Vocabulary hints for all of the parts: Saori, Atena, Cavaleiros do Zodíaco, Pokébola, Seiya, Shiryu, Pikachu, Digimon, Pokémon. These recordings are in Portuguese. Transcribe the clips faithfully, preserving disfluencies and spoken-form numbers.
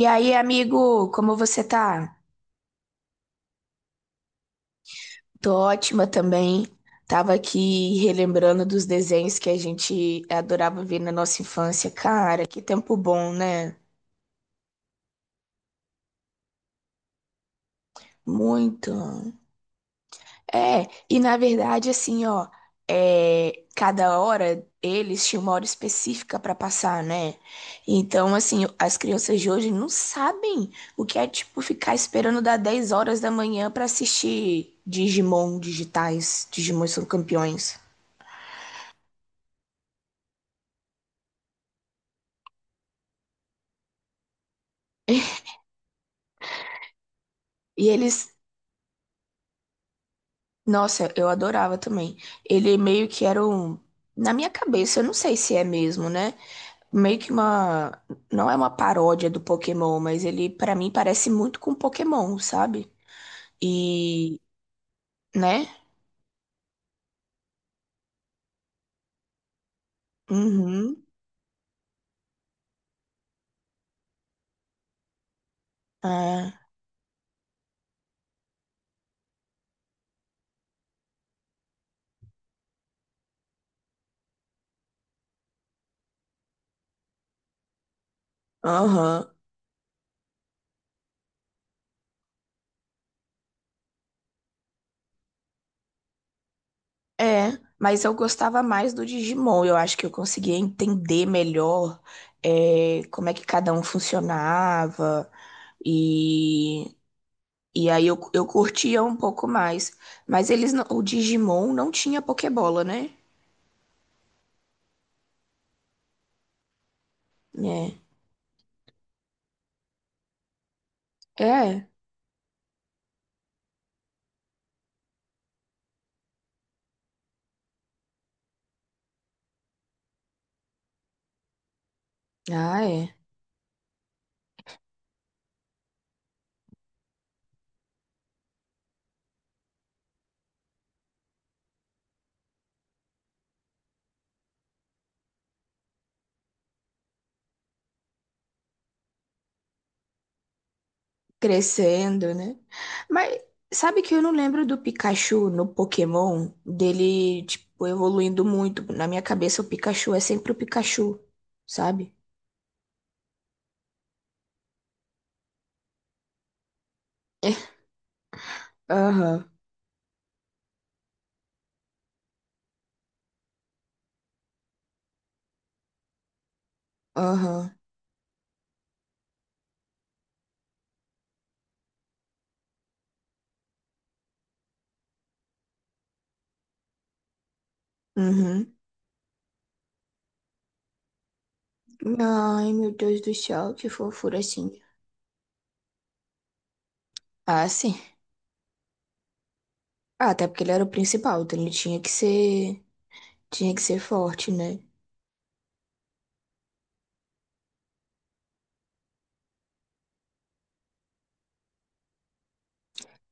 E aí, amigo, como você tá? Tô ótima também. Tava aqui relembrando dos desenhos que a gente adorava ver na nossa infância. Cara, que tempo bom, né? Muito. É, e na verdade, assim, ó, é, cada hora eles tinham uma hora específica pra passar, né? Então, assim, as crianças de hoje não sabem o que é, tipo, ficar esperando dar dez horas da manhã pra assistir Digimon digitais. Digimon são campeões. E eles, nossa, eu adorava também. Ele meio que era um, na minha cabeça, eu não sei se é mesmo, né? Meio que uma, não é uma paródia do Pokémon, mas ele pra mim parece muito com Pokémon, sabe? E, né? Uhum. É. Aham. É, mas eu gostava mais do Digimon. Eu acho que eu conseguia entender melhor é, como é que cada um funcionava e E aí eu, eu curtia um pouco mais. Mas eles não- o Digimon não tinha Pokébola, né? É. É. Ah, é. Crescendo, né? Mas sabe que eu não lembro do Pikachu no Pokémon? Dele, tipo, evoluindo muito. Na minha cabeça, o Pikachu é sempre o Pikachu, sabe? Aham, aham, uhum. Ai, meu Deus do céu, que fofura assim. Ah, sim. Ah, até porque ele era o principal, então ele tinha que ser, tinha que ser forte, né?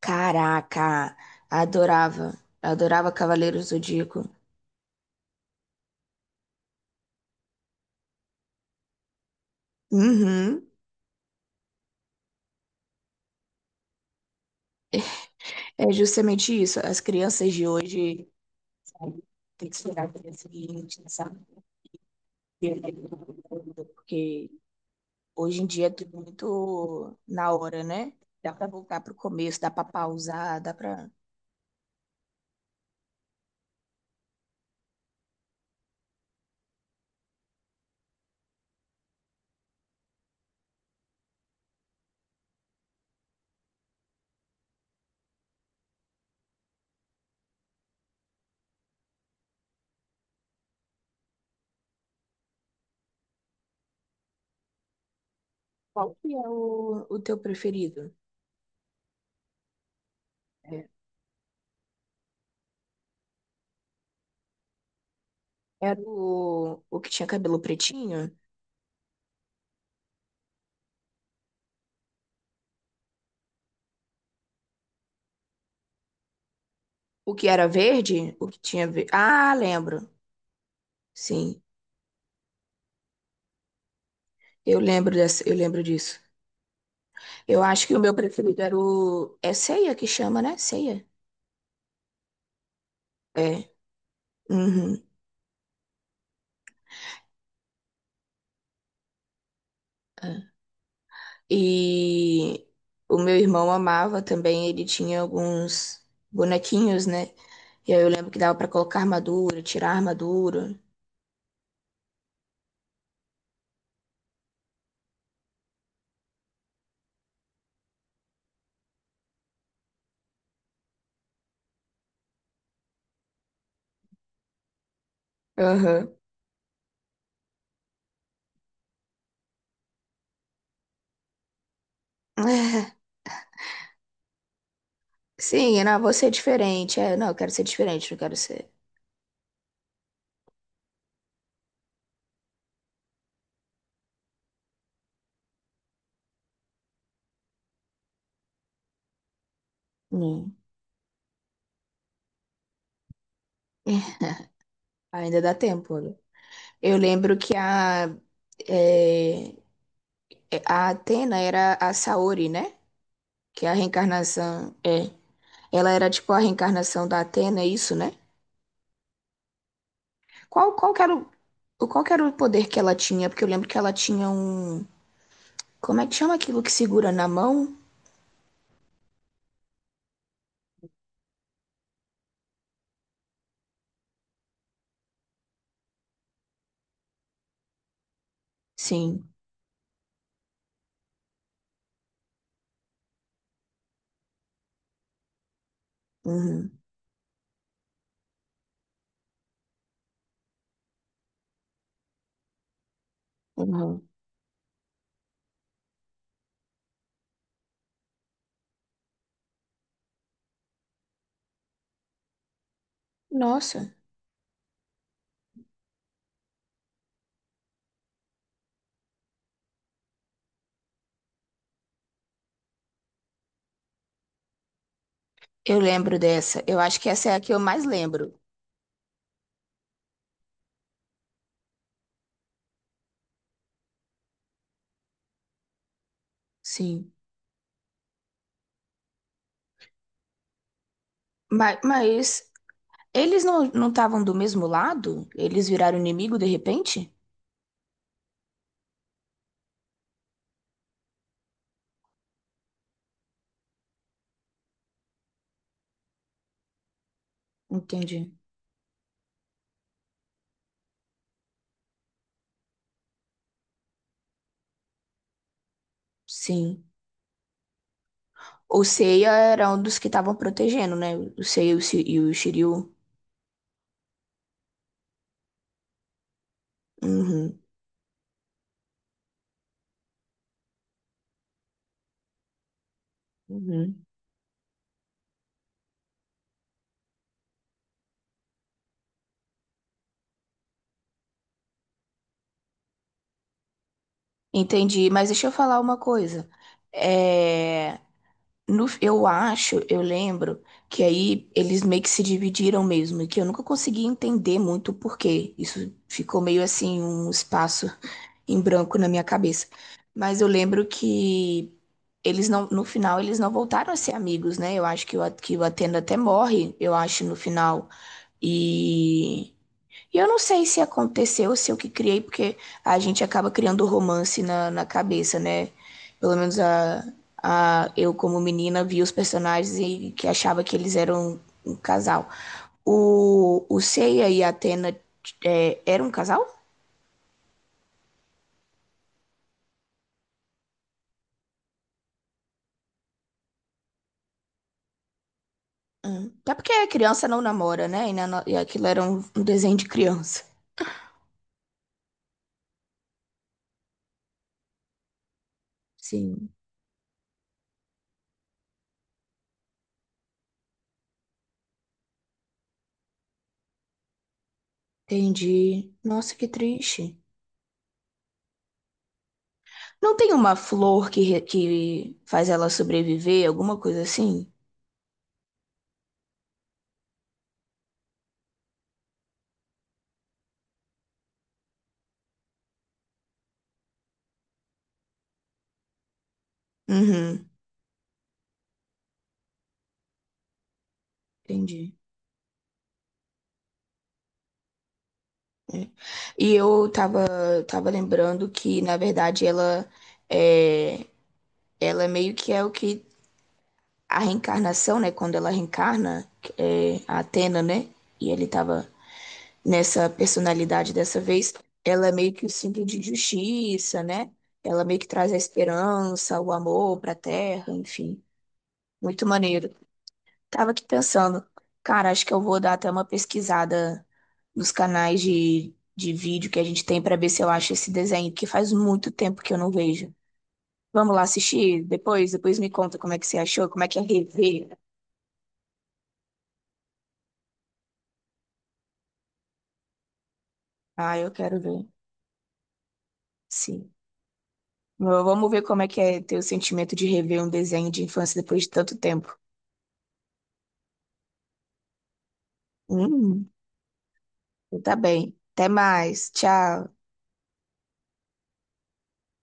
Caraca, adorava. Adorava Cavaleiros do Zodíaco. Uhum. É justamente isso. As crianças de hoje, sabe, tem que esperar para o dia seguinte, sabe? Porque hoje em dia é tudo muito na hora, né? Dá para voltar para o começo, dá para pausar, dá para. Qual que é o, o teu preferido? É, era o, o que tinha cabelo pretinho? O que era verde? O que tinha. Ve- Ah, lembro. Sim. Eu lembro dessa, eu lembro disso. Eu acho que o meu preferido era o. É ceia que chama, né? Ceia. É. Uhum. É. E o meu irmão amava também, ele tinha alguns bonequinhos, né? E aí eu lembro que dava pra colocar armadura, tirar armadura. Aham. É. Sim, não, vou ser diferente. É, não, eu quero ser diferente, não quero ser. Hum. É. Ainda dá tempo, olha. Eu lembro que a. é, é, a Atena era a Saori, né? Que a reencarnação é. Ela era tipo a reencarnação da Atena, é isso, né? Qual, qual que era o, o- qual que era o poder que ela tinha? Porque eu lembro que ela tinha um. Como é que chama aquilo que segura na mão? Sim. Uhum. Uhum. Nossa, eu lembro dessa. Eu acho que essa é a que eu mais lembro. Sim. Mas, mas eles não não estavam do mesmo lado? Eles viraram inimigo de repente? Entendi. Sim. O Seiya era um dos que estavam protegendo, né? O Seiya e o Shi- e o Shiryu. Uhum, uhum. Entendi, mas deixa eu falar uma coisa. É, no, eu acho, eu lembro que aí eles meio que se dividiram mesmo, e que eu nunca consegui entender muito o porquê. Isso ficou meio assim, um espaço em branco na minha cabeça. Mas eu lembro que eles não, no final eles não voltaram a ser amigos, né? Eu acho que o, A- que o Atena até morre, eu acho, no final. E eu não sei se aconteceu, se eu que criei, porque a gente acaba criando romance na, na cabeça, né? Pelo menos a, a, eu, como menina, vi os personagens e que achava que eles eram um casal. O, o Seiya e a Atena é, eram um casal? Hum. Até porque a criança não namora, né? E, na no- e aquilo era um, um desenho de criança. Sim, entendi. Nossa, que triste. Não tem uma flor que, re- que faz ela sobreviver, alguma coisa assim? Uhum. Entendi. É. E eu tava, tava lembrando que, na verdade, ela é, ela meio que é o que a reencarnação, né? Quando ela reencarna, é, a Atena, né? E ele tava nessa personalidade dessa vez, ela é meio que o símbolo de justiça, né? Ela meio que traz a esperança, o amor pra terra, enfim. Muito maneiro. Tava aqui pensando, cara, acho que eu vou dar até uma pesquisada dos canais de, de vídeo que a gente tem para ver se eu acho esse desenho, que faz muito tempo que eu não vejo. Vamos lá assistir depois? Depois me conta como é que você achou, como é que é rever. Ah, eu quero ver. Sim. V- Vamos ver como é que é ter o sentimento de rever um desenho de infância depois de tanto tempo. Hum, tá bem. Até mais. Tchau.